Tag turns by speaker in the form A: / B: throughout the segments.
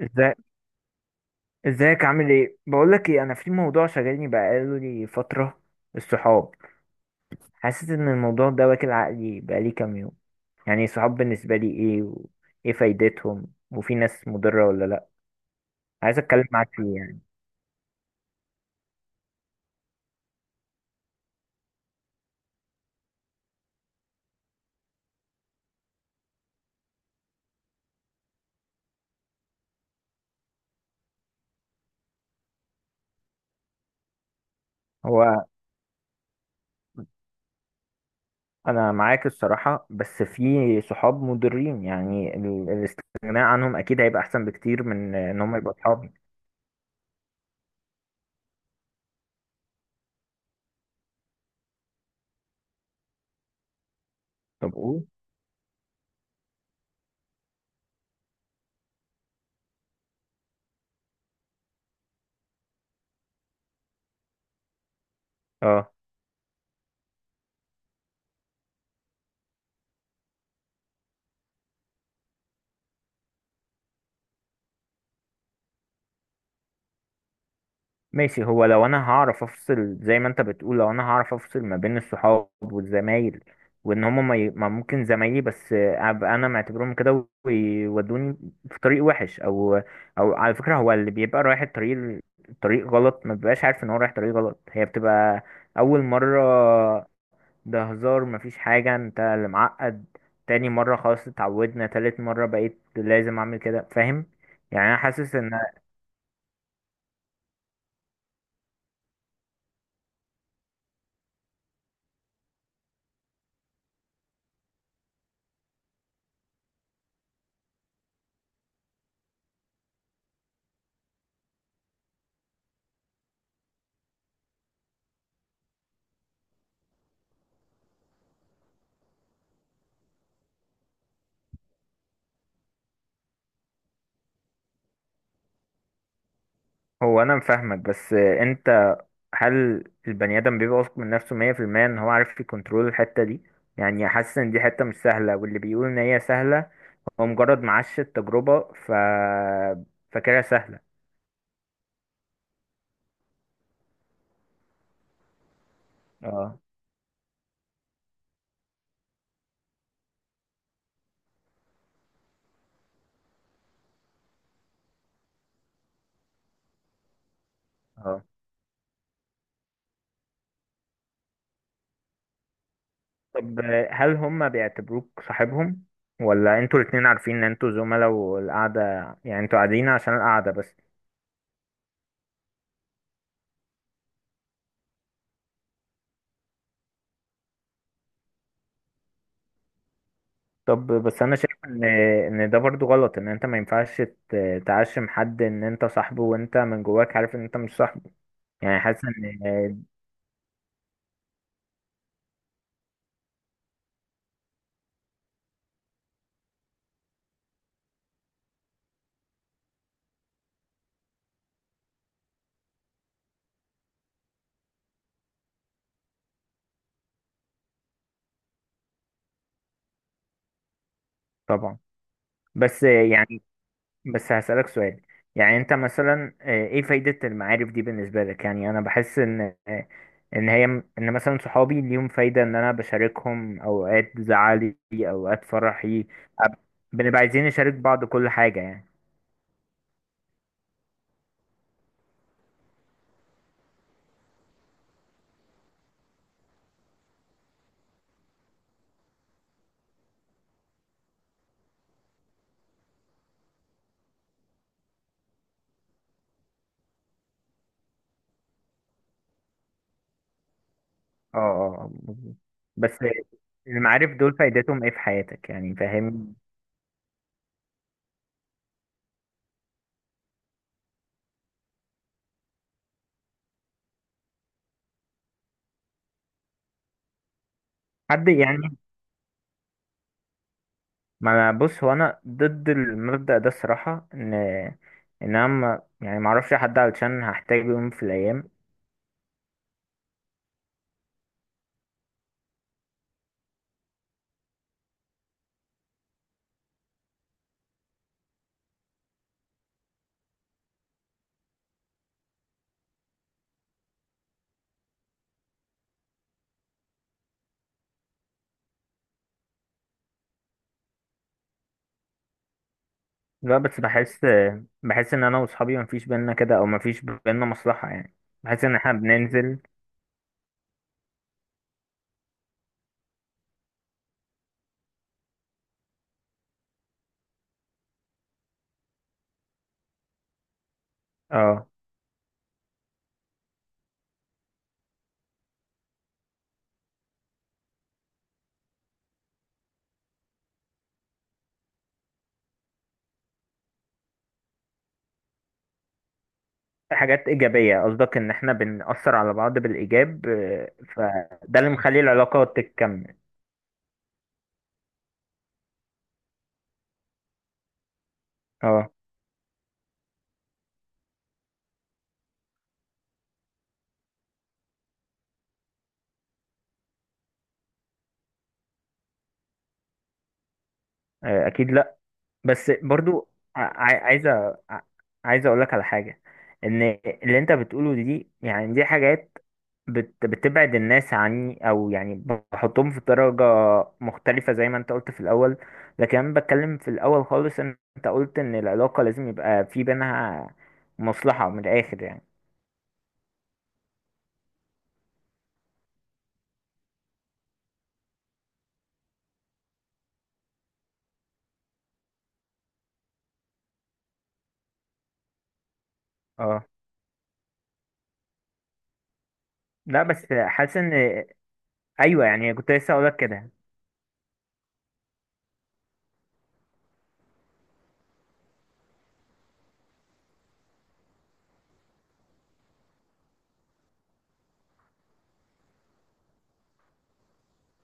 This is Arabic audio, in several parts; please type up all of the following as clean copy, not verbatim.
A: ازاي؟ ازيك؟ عامل ايه؟ بقول لك ايه، انا في موضوع شغالني بقاله لي فتره. الصحاب. حاسس ان الموضوع ده واكل عقلي بقالي كام يوم. يعني الصحاب بالنسبه لي ايه؟ وايه فايدتهم؟ وفي ناس مضره ولا لا؟ عايز اتكلم معاك فيه يعني. هو انا معاك الصراحه، بس في صحاب مضرين، يعني الاستغناء عنهم اكيد هيبقى احسن بكتير من ان هم يبقوا اصحاب. طب قول. اه، ماشي. هو لو انا هعرف افصل زي ما انت بتقول، لو انا هعرف افصل ما بين الصحاب والزمايل، وان هم ما ممكن زمايلي بس ابقى انا معتبرهم كده، ويودوني في طريق وحش، او على فكرة هو اللي بيبقى رايح الطريق، الطريق غلط، ما بيبقاش عارف ان هو رايح طريق غلط. هي بتبقى اول مرة، ده هزار، مفيش حاجة، انت اللي معقد. تاني مرة، خلاص اتعودنا. تالت مرة، بقيت لازم اعمل كده. فاهم؟ يعني انا حاسس ان. هو انا فاهمك، بس انت، هل البني آدم بيبقى واثق من نفسه 100% إن هو عارف يكنترول الحتة دي؟ يعني حاسس إن دي حتة مش سهلة، واللي بيقول إن هي سهلة هو مجرد معاش التجربة، فاكرها سهلة. اه، اه. طب هل هم بيعتبروك صاحبهم، ولا انتوا الاتنين عارفين ان انتوا زملاء والقعدة؟ يعني انتوا قاعدين عشان القعدة بس؟ طب بس انا شايف ان ده برضو غلط، ان انت ما ينفعش تعشم حد ان انت صاحبه، وانت من جواك عارف ان انت مش صاحبه. يعني حاسس ان. طبعا. بس يعني، بس هسألك سؤال. يعني انت مثلا ايه فايدة المعارف دي بالنسبة لك؟ يعني انا بحس ان آه، ان هي ان مثلا صحابي ليهم فايدة، ان انا بشاركهم اوقات زعلي اوقات فرحي. أب- بنبقى عايزين نشارك بعض كل حاجة يعني. اه، اه، مظبوط. بس المعارف دول فايدتهم ايه في حياتك؟ يعني فاهم؟ حد يعني. ما أنا- بص هو انا ضد المبدأ ده الصراحة، ان انا ما اعرفش حد علشان هحتاجه يوم في الايام. لا بس بحس ان انا واصحابي مفيش بينا كده، او مفيش بينا مصلحة يعني. بحس ان احنا بننزل. اه، حاجات ايجابية قصدك، ان احنا بنأثر على بعض بالايجاب، فده اللي مخلي العلاقة تكمل. اه، آه، اكيد لا. بس برضو، عايز، عايز اقول لك على حاجه، ان اللي انت بتقوله دي، يعني دي حاجات بتبعد الناس عني، او يعني، بحطهم في درجه مختلفه زي ما انت قلت في الاول. لكن انا بتكلم في الاول خالص، ان انت قلت ان العلاقه لازم يبقى في بينها مصلحه، من الاخر يعني. اه، لا بس حاسس ان. ايوه يعني، كنت لسه اقول لك كده.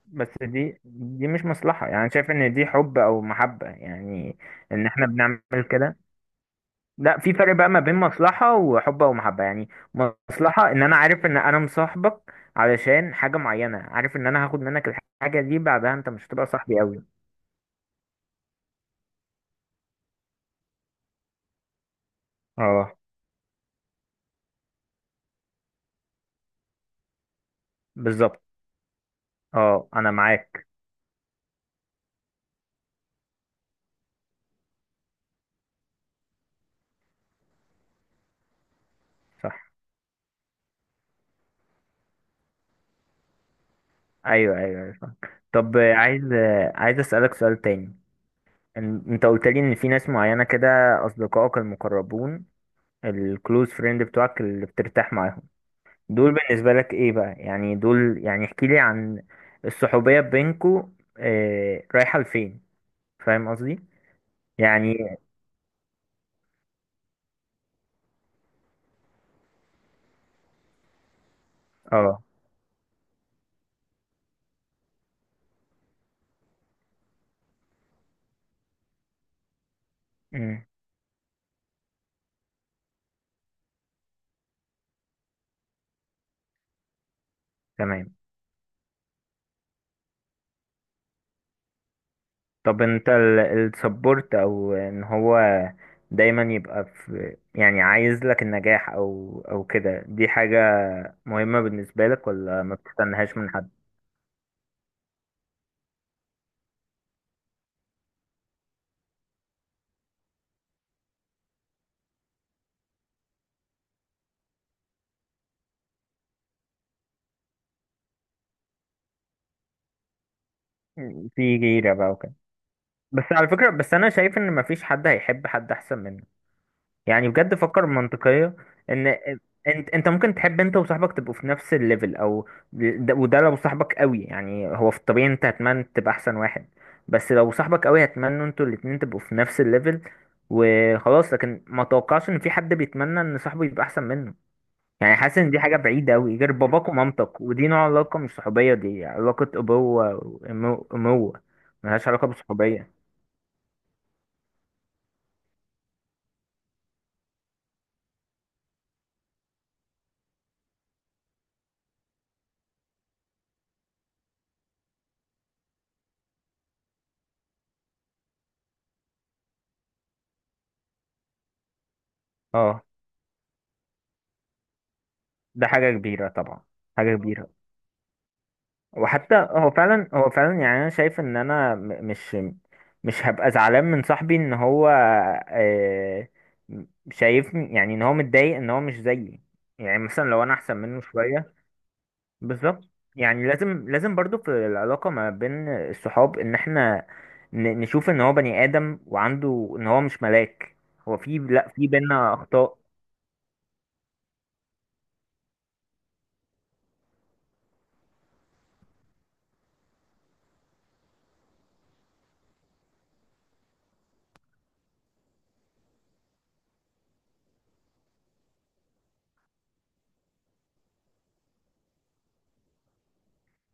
A: بس دي مش مصلحه، يعني أنا شايف ان دي حب او محبه يعني، ان احنا بنعمل كده. لا، في فرق بقى ما بين مصلحة وحب ومحبة يعني. مصلحة ان انا عارف ان انا مصاحبك علشان حاجة معينة، عارف ان انا هاخد منك الحاجة دي، بعدها انت مش هتبقى صاحبي قوي. اه، بالظبط. اه، انا معاك. صح. ايوه، ايوه، أيوة، صح. طب، عايز اسألك سؤال تاني. إن- انت قلت لي ان في ناس معينة كده، اصدقائك المقربون، الكلوز فريند بتوعك، اللي بترتاح معاهم. دول بالنسبة لك ايه بقى؟ يعني دول يعني، احكي لي عن الصحوبية بينكو، اه، رايحة لفين؟ فاهم قصدي؟ يعني. اه. مم، تمام. طب انت، السبورت، او ان هو دايما يبقى في، يعني عايز لك النجاح، او كده، دي حاجة مهمة بالنسبة لك، ولا ما بتستناهاش من حد؟ مم، في غيرة بقى وكده. بس على فكرة، بس انا شايف ان مفيش حد هيحب حد احسن منه، يعني بجد، فكر منطقية، ان انت ممكن تحب انت وصاحبك تبقوا في نفس الليفل، او ده وده. لو صاحبك قوي يعني، هو في الطبيعي انت هتمنى تبقى احسن واحد، بس لو صاحبك قوي، هتمنى انتوا الاتنين تبقوا في نفس الليفل وخلاص. لكن ما توقعش ان في حد بيتمنى ان صاحبه يبقى احسن منه. يعني حاسس ان دي حاجة بعيدة قوي، غير باباك ومامتك، ودي نوع علاقة مش صحوبية، دي علاقة ابوة واموة، ملهاش علاقة بالصحوبية. اه، ده حاجة كبيرة طبعا. حاجة كبيرة. وحتى هو فعلا يعني انا شايف ان انا مش هبقى زعلان من صاحبي، ان هو آه، شايف يعني ان هو متضايق ان هو مش زيي، يعني مثلا لو انا احسن منه شوية. بالظبط. يعني لازم لازم برضو في العلاقة ما بين الصحاب، ان احنا نشوف ان هو بني ادم، وعنده ان هو مش ملاك. هو في، لا، في بينا اخطاء.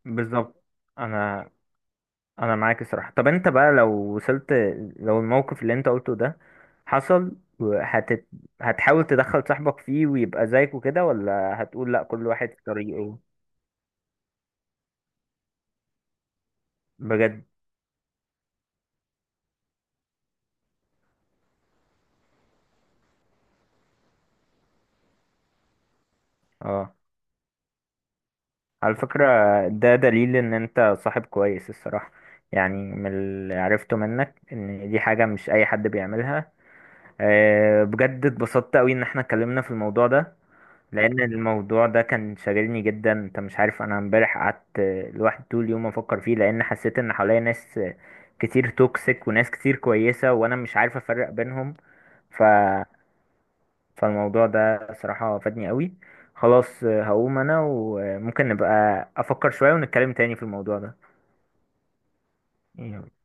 A: بالظبط. انا انا معاك الصراحه. طب انت بقى لو الموقف اللي انت قلته ده حصل، هتت... هتحاول تدخل صاحبك فيه ويبقى زيك وكده، ولا هتقول لا كل واحد في طريقه؟ بجد؟ اه، على فكره، ده دليل ان انت صاحب كويس الصراحه. يعني من اللي عرفته منك، ان دي حاجه مش اي حد بيعملها. أه، بجد اتبسطت قوي ان احنا اتكلمنا في الموضوع ده، لان الموضوع ده كان شاغلني جدا. انت مش عارف، انا امبارح قعدت لوحدي طول اليوم افكر فيه، لان حسيت ان حواليا ناس كتير توكسيك وناس كتير كويسة، وانا مش عارف افرق بينهم. ف... فالموضوع ده صراحة فادني قوي. خلاص هقوم انا، وممكن نبقى افكر شوية ونتكلم تاني في الموضوع ده.